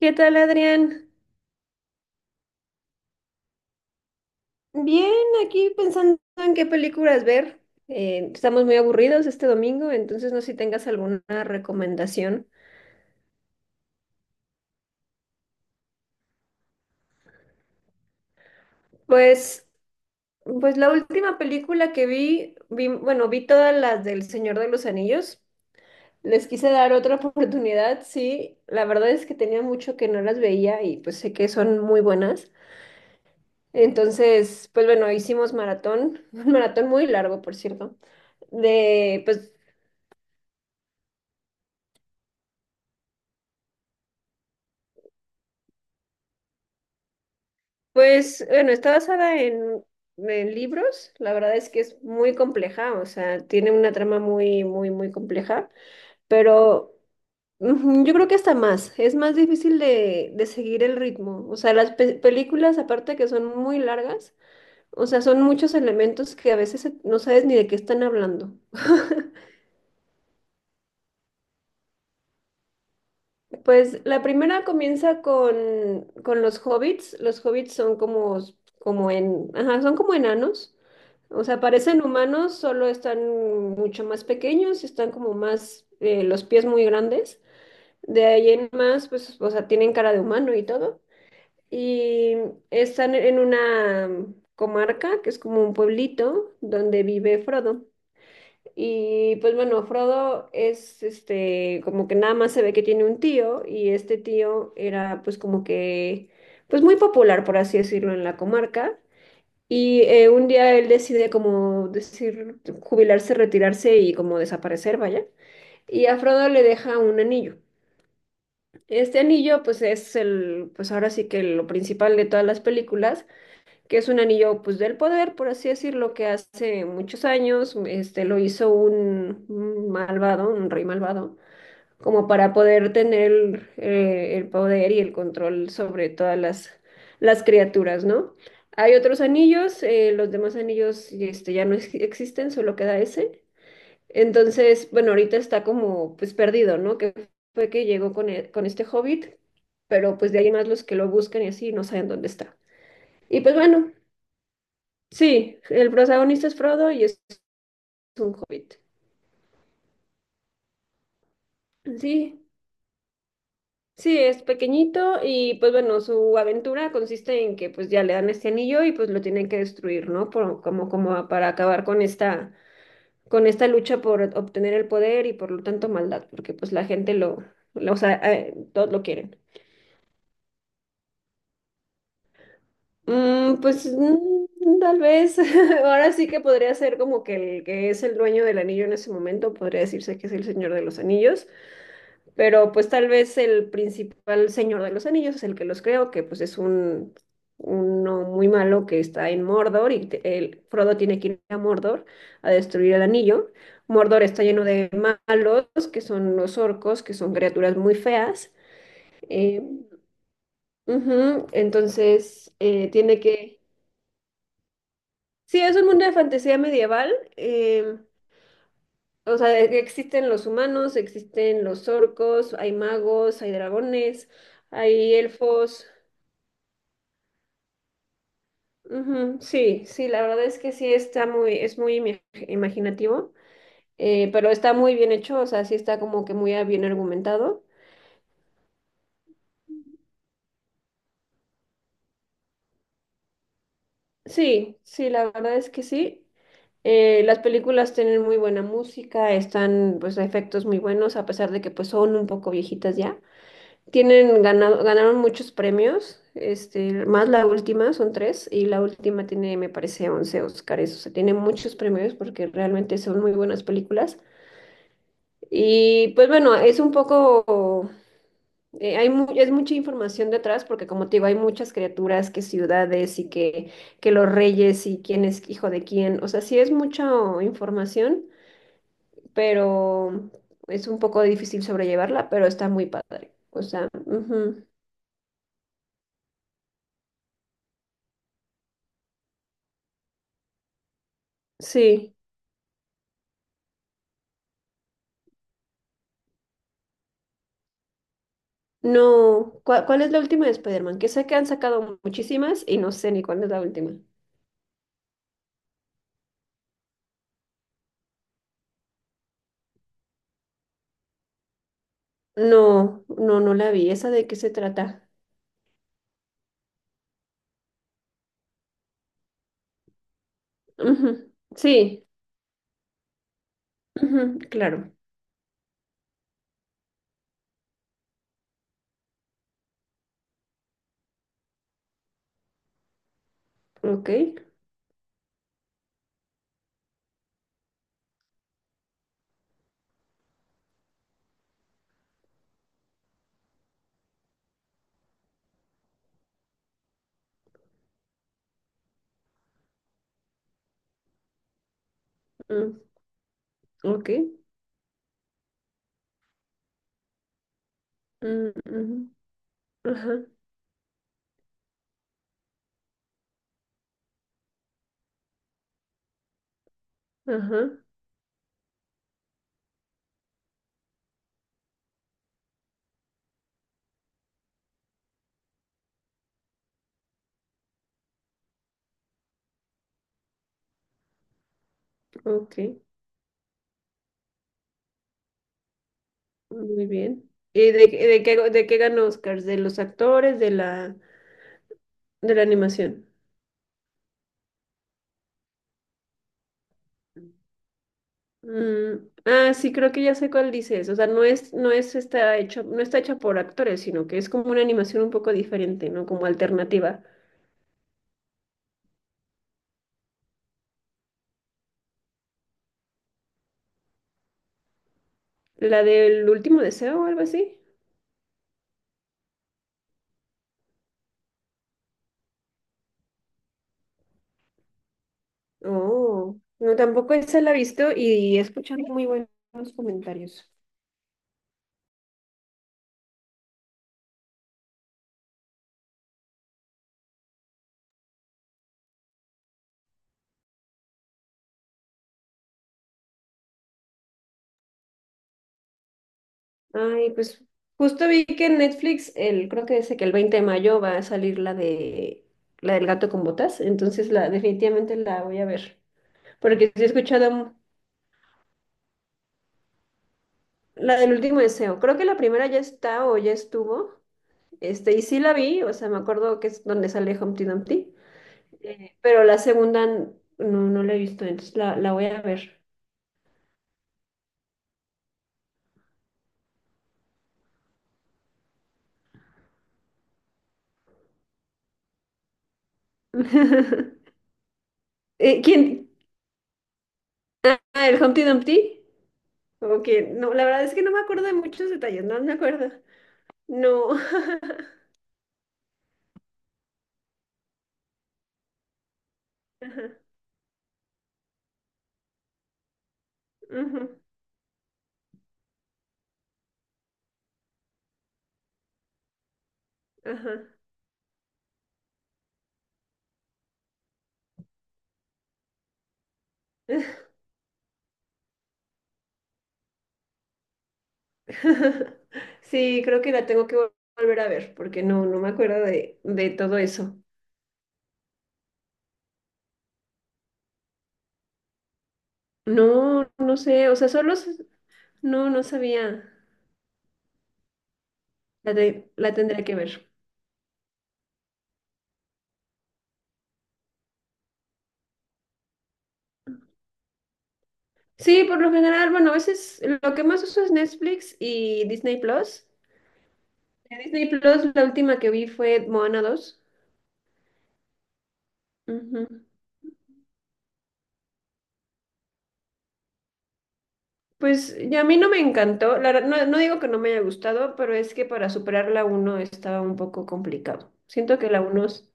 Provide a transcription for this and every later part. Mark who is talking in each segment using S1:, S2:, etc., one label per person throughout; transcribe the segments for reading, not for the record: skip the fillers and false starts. S1: ¿Qué tal, Adrián? Bien, aquí pensando en qué películas ver. Estamos muy aburridos este domingo, entonces no sé si tengas alguna recomendación. Pues, pues la última película que vi todas las del Señor de los Anillos. Les quise dar otra oportunidad, sí. La verdad es que tenía mucho que no las veía y pues sé que son muy buenas. Entonces, pues bueno, hicimos maratón, un maratón muy largo, por cierto de, pues, Pues bueno, está basada en libros. La verdad es que es muy compleja, o sea, tiene una trama muy, muy, muy compleja, pero ujú, yo creo que hasta más, es más difícil de seguir el ritmo. O sea, las películas, aparte que son muy largas, o sea, son muchos elementos que a veces no sabes ni de qué están hablando. Pues la primera comienza con los hobbits. Los hobbits son ajá, son como enanos. O sea, parecen humanos, solo están mucho más pequeños, están como más, los pies muy grandes. De ahí en más, pues, o sea, tienen cara de humano y todo. Y están en una comarca, que es como un pueblito, donde vive Frodo. Y pues bueno, Frodo es este, como que nada más se ve que tiene un tío, y este tío era pues como que, pues muy popular, por así decirlo, en la comarca. Y un día él decide, como decir, jubilarse, retirarse y como desaparecer, vaya. Y a Frodo le deja un anillo. Este anillo pues es el, pues ahora sí que lo principal de todas las películas, que es un anillo pues del poder, por así decirlo, que hace muchos años este, lo hizo un malvado, un rey malvado, como para poder tener el poder y el control sobre todas las criaturas, ¿no? Hay otros anillos, los demás anillos este, ya no existen, solo queda ese. Entonces, bueno, ahorita está como pues perdido, ¿no? Que fue que llegó con este hobbit, pero pues de ahí en más los que lo buscan y así no saben dónde está. Y pues bueno, sí, el protagonista es Frodo y es un hobbit. Sí, sí, es pequeñito y pues bueno, su aventura consiste en que pues ya le dan este anillo y pues lo tienen que destruir, ¿no? Como, como para acabar con esta lucha por obtener el poder y por lo tanto maldad, porque pues la gente o sea, todos lo quieren. Mm, pues tal vez, ahora sí que podría ser como que el que es el dueño del anillo en ese momento, podría decirse que es el Señor de los Anillos. Pero pues tal vez el principal señor de los anillos es el que los creó, que pues es un uno muy malo que está en Mordor, y el Frodo tiene que ir a Mordor a destruir el anillo. Mordor está lleno de malos, que son los orcos, que son criaturas muy feas. eh, Ujú, entonces tiene que... Sí, es un mundo de fantasía medieval. O sea, de que existen los humanos, existen los orcos, hay magos, hay dragones. Hay elfos. Ujú, sí, sí, la verdad es que sí está muy, es muy imaginativo, pero está muy bien hecho, o sea, sí está como que muy bien argumentado. Sí, sí, la verdad es que sí. Las películas tienen muy buena música, están pues efectos muy buenos, a pesar de que pues son un poco viejitas ya. Tienen ganaron muchos premios, este, más la última, son tres, y la última tiene, me parece, 11 Óscares, o sea, tiene muchos premios porque realmente son muy buenas películas. Y pues bueno, es un poco, es mucha información detrás, porque como te digo, hay muchas criaturas, que ciudades y que los reyes y quién es hijo de quién. O sea, sí es mucha información, pero es un poco difícil sobrellevarla, pero está muy padre. O sea, ujú, sí. No, ¿cuál es la última de Spider-Man? Que sé que han sacado muchísimas y no sé ni cuál es la última. No, no, no la vi. ¿Esa de qué se trata? Ujú, sí, ujú, claro. Ok, mm, ok, mm, ujú, ajá, ajá, ok, muy bien. ¿Y de qué ganó Oscars? ¿De los actores, de la animación? Mm, ah, sí, creo que ya sé cuál dices. O sea, no está hecha por actores, sino que es como una animación un poco diferente, ¿no? Como alternativa. ¿La del último deseo o algo así? Oh, no, tampoco esa la he visto y he escuchado muy buenos comentarios. Ay, pues justo vi que en Netflix, creo que dice que el 20 de mayo va a salir la del gato con botas, entonces la definitivamente la voy a ver, porque sí he escuchado la del último deseo. Creo que la primera ya está o ya estuvo, este, y sí la vi, o sea, me acuerdo que es donde sale Humpty Dumpty, pero la segunda no, no la he visto, entonces la voy a ver. ¿Quién? Ah, el Humpty Dumpty. Como que no, la verdad es que no me acuerdo de muchos detalles, no me acuerdo. No. Ajá, ujú, ajá. Sí, creo que la tengo que volver a ver, porque no, no me acuerdo de todo eso. No, no sé, o sea, no, no sabía. La tendré que ver. Sí, por lo general, bueno, a veces lo que más uso es Netflix y Disney Plus. De Disney Plus, la última que vi fue Moana 2. Pues ya a mí no me encantó, la verdad, no, no digo que no me haya gustado, pero es que para superar la 1 estaba un poco complicado. Siento que la uno, es,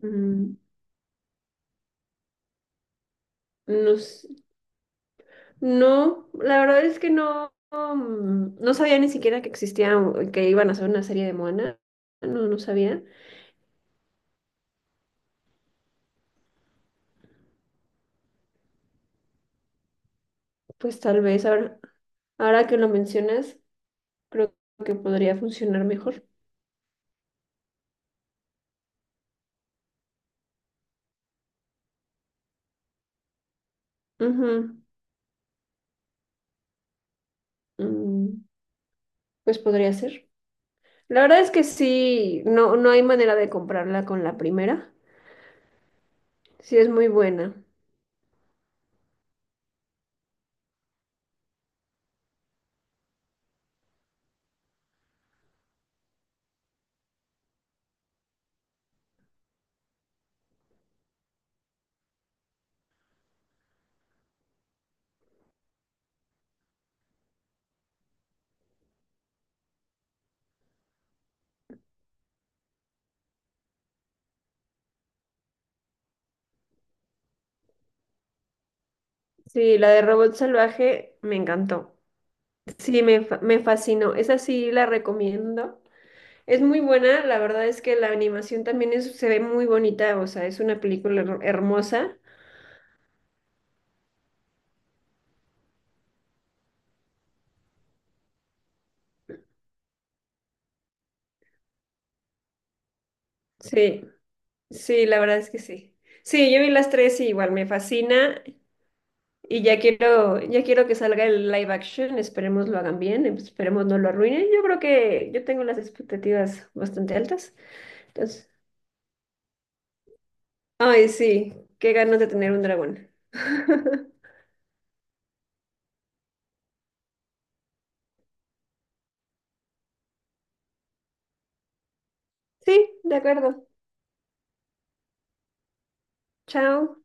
S1: mm, no, sé, no, la verdad es que no, no sabía ni siquiera que existía, o que iban a hacer una serie de Moana, no, no sabía. Pues tal vez ahora, ahora que lo mencionas, creo que podría funcionar mejor. Ujú, mm, pues podría ser. La verdad es que sí, no, no hay manera de comprarla con la primera. Sí, es muy buena. Sí, la de Robot Salvaje me encantó. Sí, me, me fascinó. Esa sí la recomiendo. Es muy buena, la verdad es que la animación también se ve muy bonita, o sea, es una película hermosa. Sí, sí, la verdad es que sí. Sí, yo vi las tres y igual me fascina, y ya quiero que salga el live action, esperemos lo hagan bien, esperemos no lo arruinen. Yo creo que yo tengo las expectativas bastante altas. Entonces... Ay, sí, qué ganas de tener un dragón. Sí, de acuerdo. Chao.